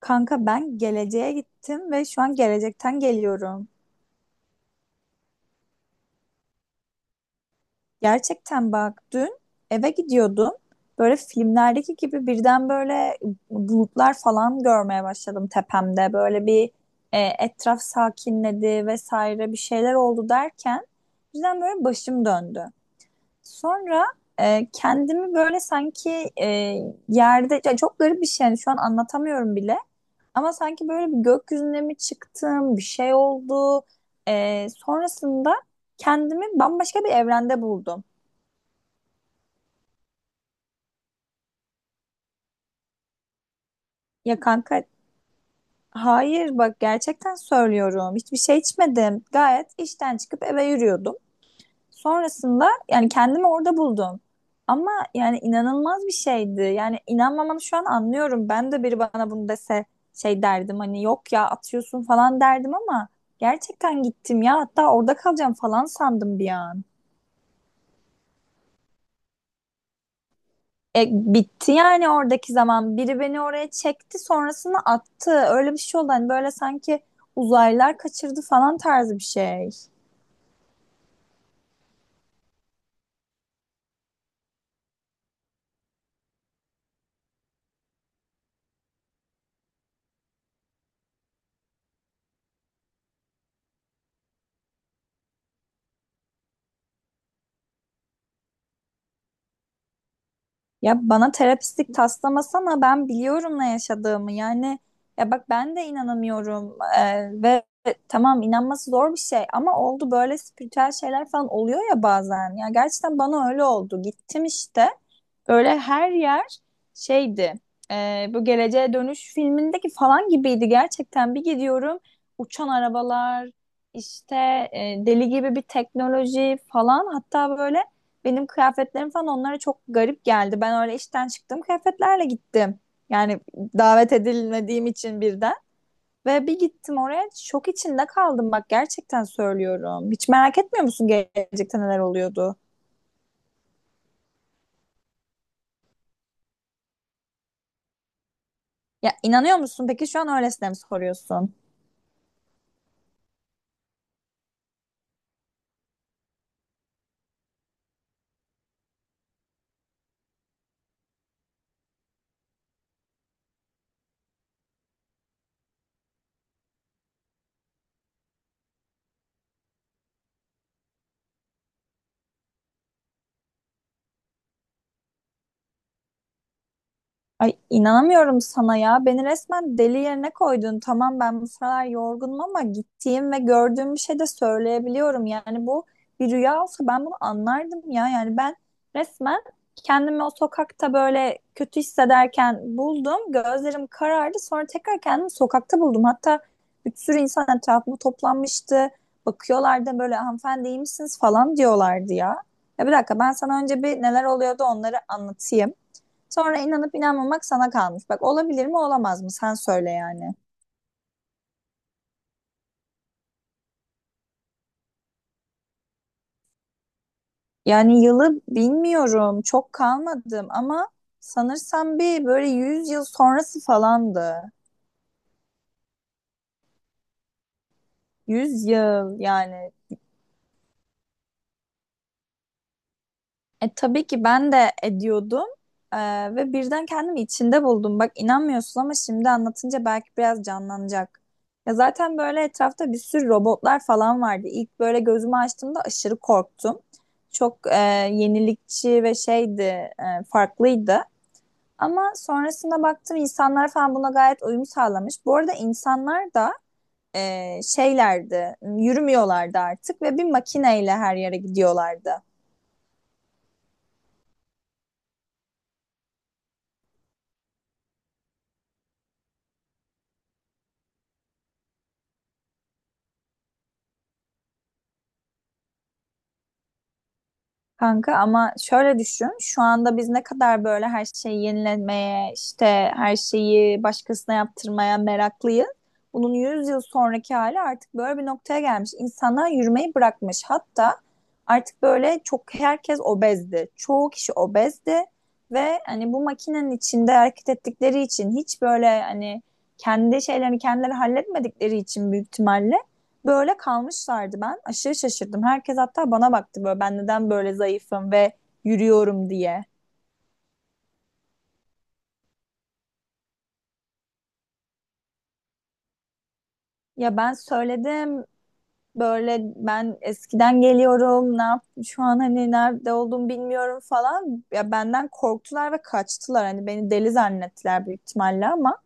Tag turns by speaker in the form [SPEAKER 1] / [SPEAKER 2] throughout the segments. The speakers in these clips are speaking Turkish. [SPEAKER 1] Kanka ben geleceğe gittim ve şu an gelecekten geliyorum. Gerçekten bak dün eve gidiyordum. Böyle filmlerdeki gibi birden böyle bulutlar falan görmeye başladım tepemde. Böyle bir etraf sakinledi vesaire bir şeyler oldu derken birden böyle başım döndü. Sonra kendimi böyle sanki yerde ya çok garip bir şey yani şu an anlatamıyorum bile. Ama sanki böyle bir gökyüzüne mi çıktım, bir şey oldu. Sonrasında kendimi bambaşka bir evrende buldum. Ya kanka hayır bak gerçekten söylüyorum. Hiçbir şey içmedim. Gayet işten çıkıp eve yürüyordum. Sonrasında yani kendimi orada buldum. Ama yani inanılmaz bir şeydi. Yani inanmamanı şu an anlıyorum. Ben de biri bana bunu dese şey derdim hani yok ya atıyorsun falan derdim ama gerçekten gittim ya hatta orada kalacağım falan sandım bir an. Bitti yani oradaki zaman. Biri beni oraya çekti sonrasını attı. Öyle bir şey oldu. Hani böyle sanki uzaylılar kaçırdı falan tarzı bir şey. Ya bana terapistlik taslamasana ben biliyorum ne yaşadığımı. Yani ya bak ben de inanamıyorum. Ve tamam inanması zor bir şey ama oldu böyle spiritüel şeyler falan oluyor ya bazen. Ya gerçekten bana öyle oldu. Gittim işte. Böyle her yer şeydi. Bu Geleceğe Dönüş filmindeki falan gibiydi gerçekten. Bir gidiyorum uçan arabalar, işte deli gibi bir teknoloji falan. Hatta böyle benim kıyafetlerim falan onlara çok garip geldi. Ben öyle işten çıktım kıyafetlerle gittim. Yani davet edilmediğim için birden. Ve bir gittim oraya şok içinde kaldım bak gerçekten söylüyorum. Hiç merak etmiyor musun gelecekte neler oluyordu? Ya inanıyor musun? Peki şu an öylesine mi soruyorsun? Ay inanamıyorum sana ya. Beni resmen deli yerine koydun. Tamam ben bu sıralar yorgunum ama gittiğim ve gördüğüm bir şey de söyleyebiliyorum. Yani bu bir rüya olsa ben bunu anlardım ya. Yani ben resmen kendimi o sokakta böyle kötü hissederken buldum. Gözlerim karardı. Sonra tekrar kendimi sokakta buldum. Hatta bir sürü insan etrafıma toplanmıştı. Bakıyorlardı böyle hanımefendi iyi misiniz falan diyorlardı ya. Ya bir dakika ben sana önce bir neler oluyordu onları anlatayım. Sonra inanıp inanmamak sana kalmış. Bak olabilir mi olamaz mı? Sen söyle yani. Yani yılı bilmiyorum. Çok kalmadım ama sanırsam bir böyle 100 yıl sonrası falandı. 100 yıl yani. Tabii ki ben de ediyordum. E, ve birden kendimi içinde buldum. Bak inanmıyorsun ama şimdi anlatınca belki biraz canlanacak. Ya zaten böyle etrafta bir sürü robotlar falan vardı. İlk böyle gözümü açtığımda aşırı korktum. Çok yenilikçi ve şeydi, farklıydı. Ama sonrasında baktım insanlar falan buna gayet uyum sağlamış. Bu arada insanlar da şeylerdi, yürümüyorlardı artık ve bir makineyle her yere gidiyorlardı. Kanka ama şöyle düşün, şu anda biz ne kadar böyle her şeyi yenilemeye, işte her şeyi başkasına yaptırmaya meraklıyız. Bunun 100 yıl sonraki hali artık böyle bir noktaya gelmiş. İnsanlar yürümeyi bırakmış. Hatta artık böyle çok herkes obezdi. Çoğu kişi obezdi ve hani bu makinenin içinde hareket ettikleri için hiç böyle hani kendi şeylerini kendileri halletmedikleri için büyük ihtimalle böyle kalmışlardı ben. Aşırı şaşırdım. Herkes hatta bana baktı böyle ben neden böyle zayıfım ve yürüyorum diye. Ya ben söyledim böyle ben eskiden geliyorum. Ne yap şu an hani nerede olduğumu bilmiyorum falan. Ya benden korktular ve kaçtılar. Hani beni deli zannettiler büyük ihtimalle ama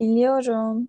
[SPEAKER 1] biliyorum.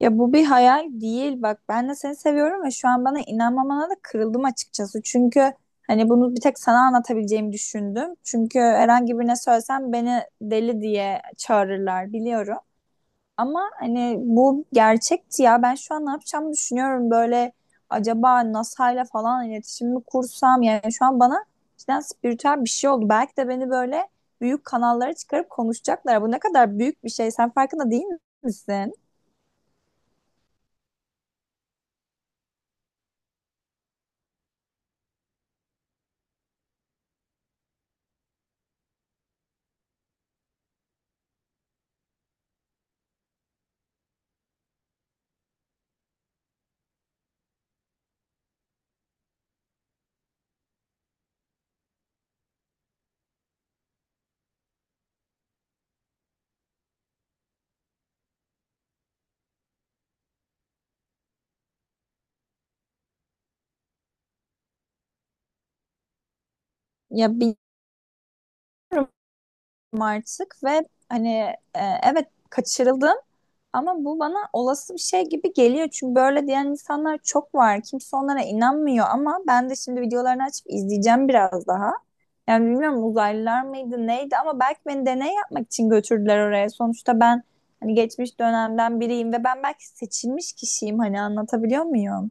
[SPEAKER 1] Ya bu bir hayal değil bak ben de seni seviyorum ve şu an bana inanmamana da kırıldım açıkçası. Çünkü hani bunu bir tek sana anlatabileceğimi düşündüm. Çünkü herhangi birine söylesem beni deli diye çağırırlar biliyorum. Ama hani bu gerçekti ya ben şu an ne yapacağımı düşünüyorum böyle acaba NASA'yla falan iletişim mi kursam yani şu an bana cidden spiritüel bir şey oldu. Belki de beni böyle büyük kanallara çıkarıp konuşacaklar. Bu ne kadar büyük bir şey sen farkında değil misin? Ya bilmiyorum artık ve hani evet kaçırıldım ama bu bana olası bir şey gibi geliyor. Çünkü böyle diyen insanlar çok var. Kimse onlara inanmıyor ama ben de şimdi videolarını açıp izleyeceğim biraz daha. Yani bilmiyorum uzaylılar mıydı neydi ama belki beni deney yapmak için götürdüler oraya. Sonuçta ben hani geçmiş dönemden biriyim ve ben belki seçilmiş kişiyim hani anlatabiliyor muyum?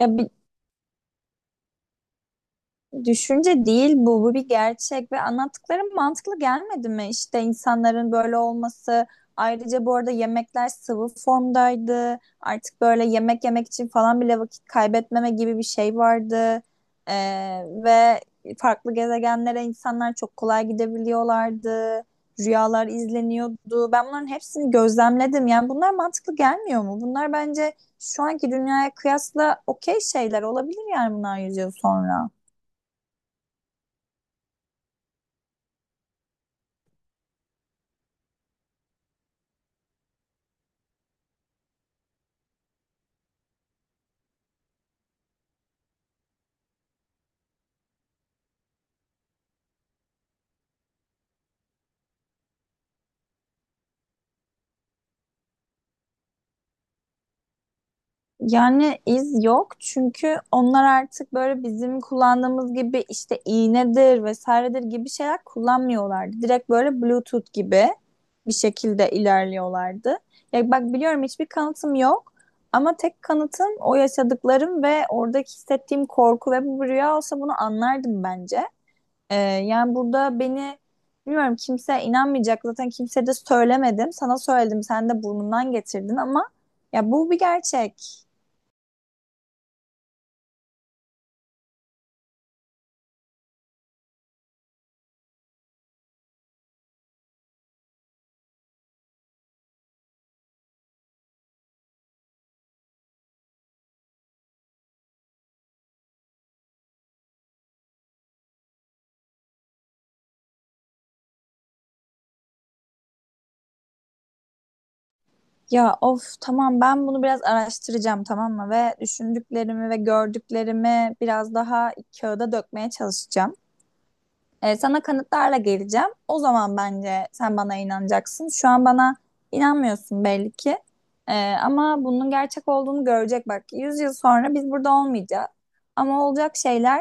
[SPEAKER 1] Ya düşünce değil bu, bu bir gerçek ve anlattıklarım mantıklı gelmedi mi? İşte insanların böyle olması. Ayrıca bu arada yemekler sıvı formdaydı. Artık böyle yemek yemek için falan bile vakit kaybetmeme gibi bir şey vardı. Ve farklı gezegenlere insanlar çok kolay gidebiliyorlardı. Rüyalar izleniyordu. Ben bunların hepsini gözlemledim. Yani bunlar mantıklı gelmiyor mu? Bunlar bence şu anki dünyaya kıyasla okey şeyler olabilir yani bunlar 100 yıl sonra. Yani iz yok çünkü onlar artık böyle bizim kullandığımız gibi işte iğnedir vesairedir gibi şeyler kullanmıyorlardı. Direkt böyle Bluetooth gibi bir şekilde ilerliyorlardı. Ya bak biliyorum hiçbir kanıtım yok ama tek kanıtım o yaşadıklarım ve oradaki hissettiğim korku ve bu bir rüya olsa bunu anlardım bence. Yani burada beni bilmiyorum kimse inanmayacak zaten kimse de söylemedim. Sana söyledim sen de burnundan getirdin ama ya bu bir gerçek. Ya of tamam ben bunu biraz araştıracağım tamam mı? Ve düşündüklerimi ve gördüklerimi biraz daha kağıda dökmeye çalışacağım. Sana kanıtlarla geleceğim. O zaman bence sen bana inanacaksın. Şu an bana inanmıyorsun belli ki. Ama bunun gerçek olduğunu görecek bak. 100 yıl sonra biz burada olmayacağız. Ama olacak şeyler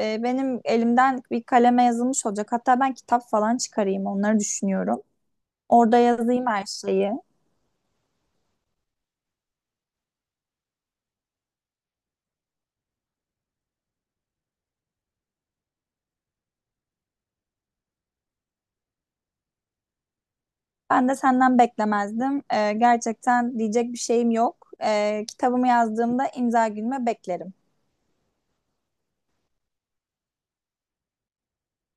[SPEAKER 1] benim elimden bir kaleme yazılmış olacak. Hatta ben kitap falan çıkarayım onları düşünüyorum. Orada yazayım her şeyi. Ben de senden beklemezdim. Gerçekten diyecek bir şeyim yok. Kitabımı yazdığımda imza günüme beklerim.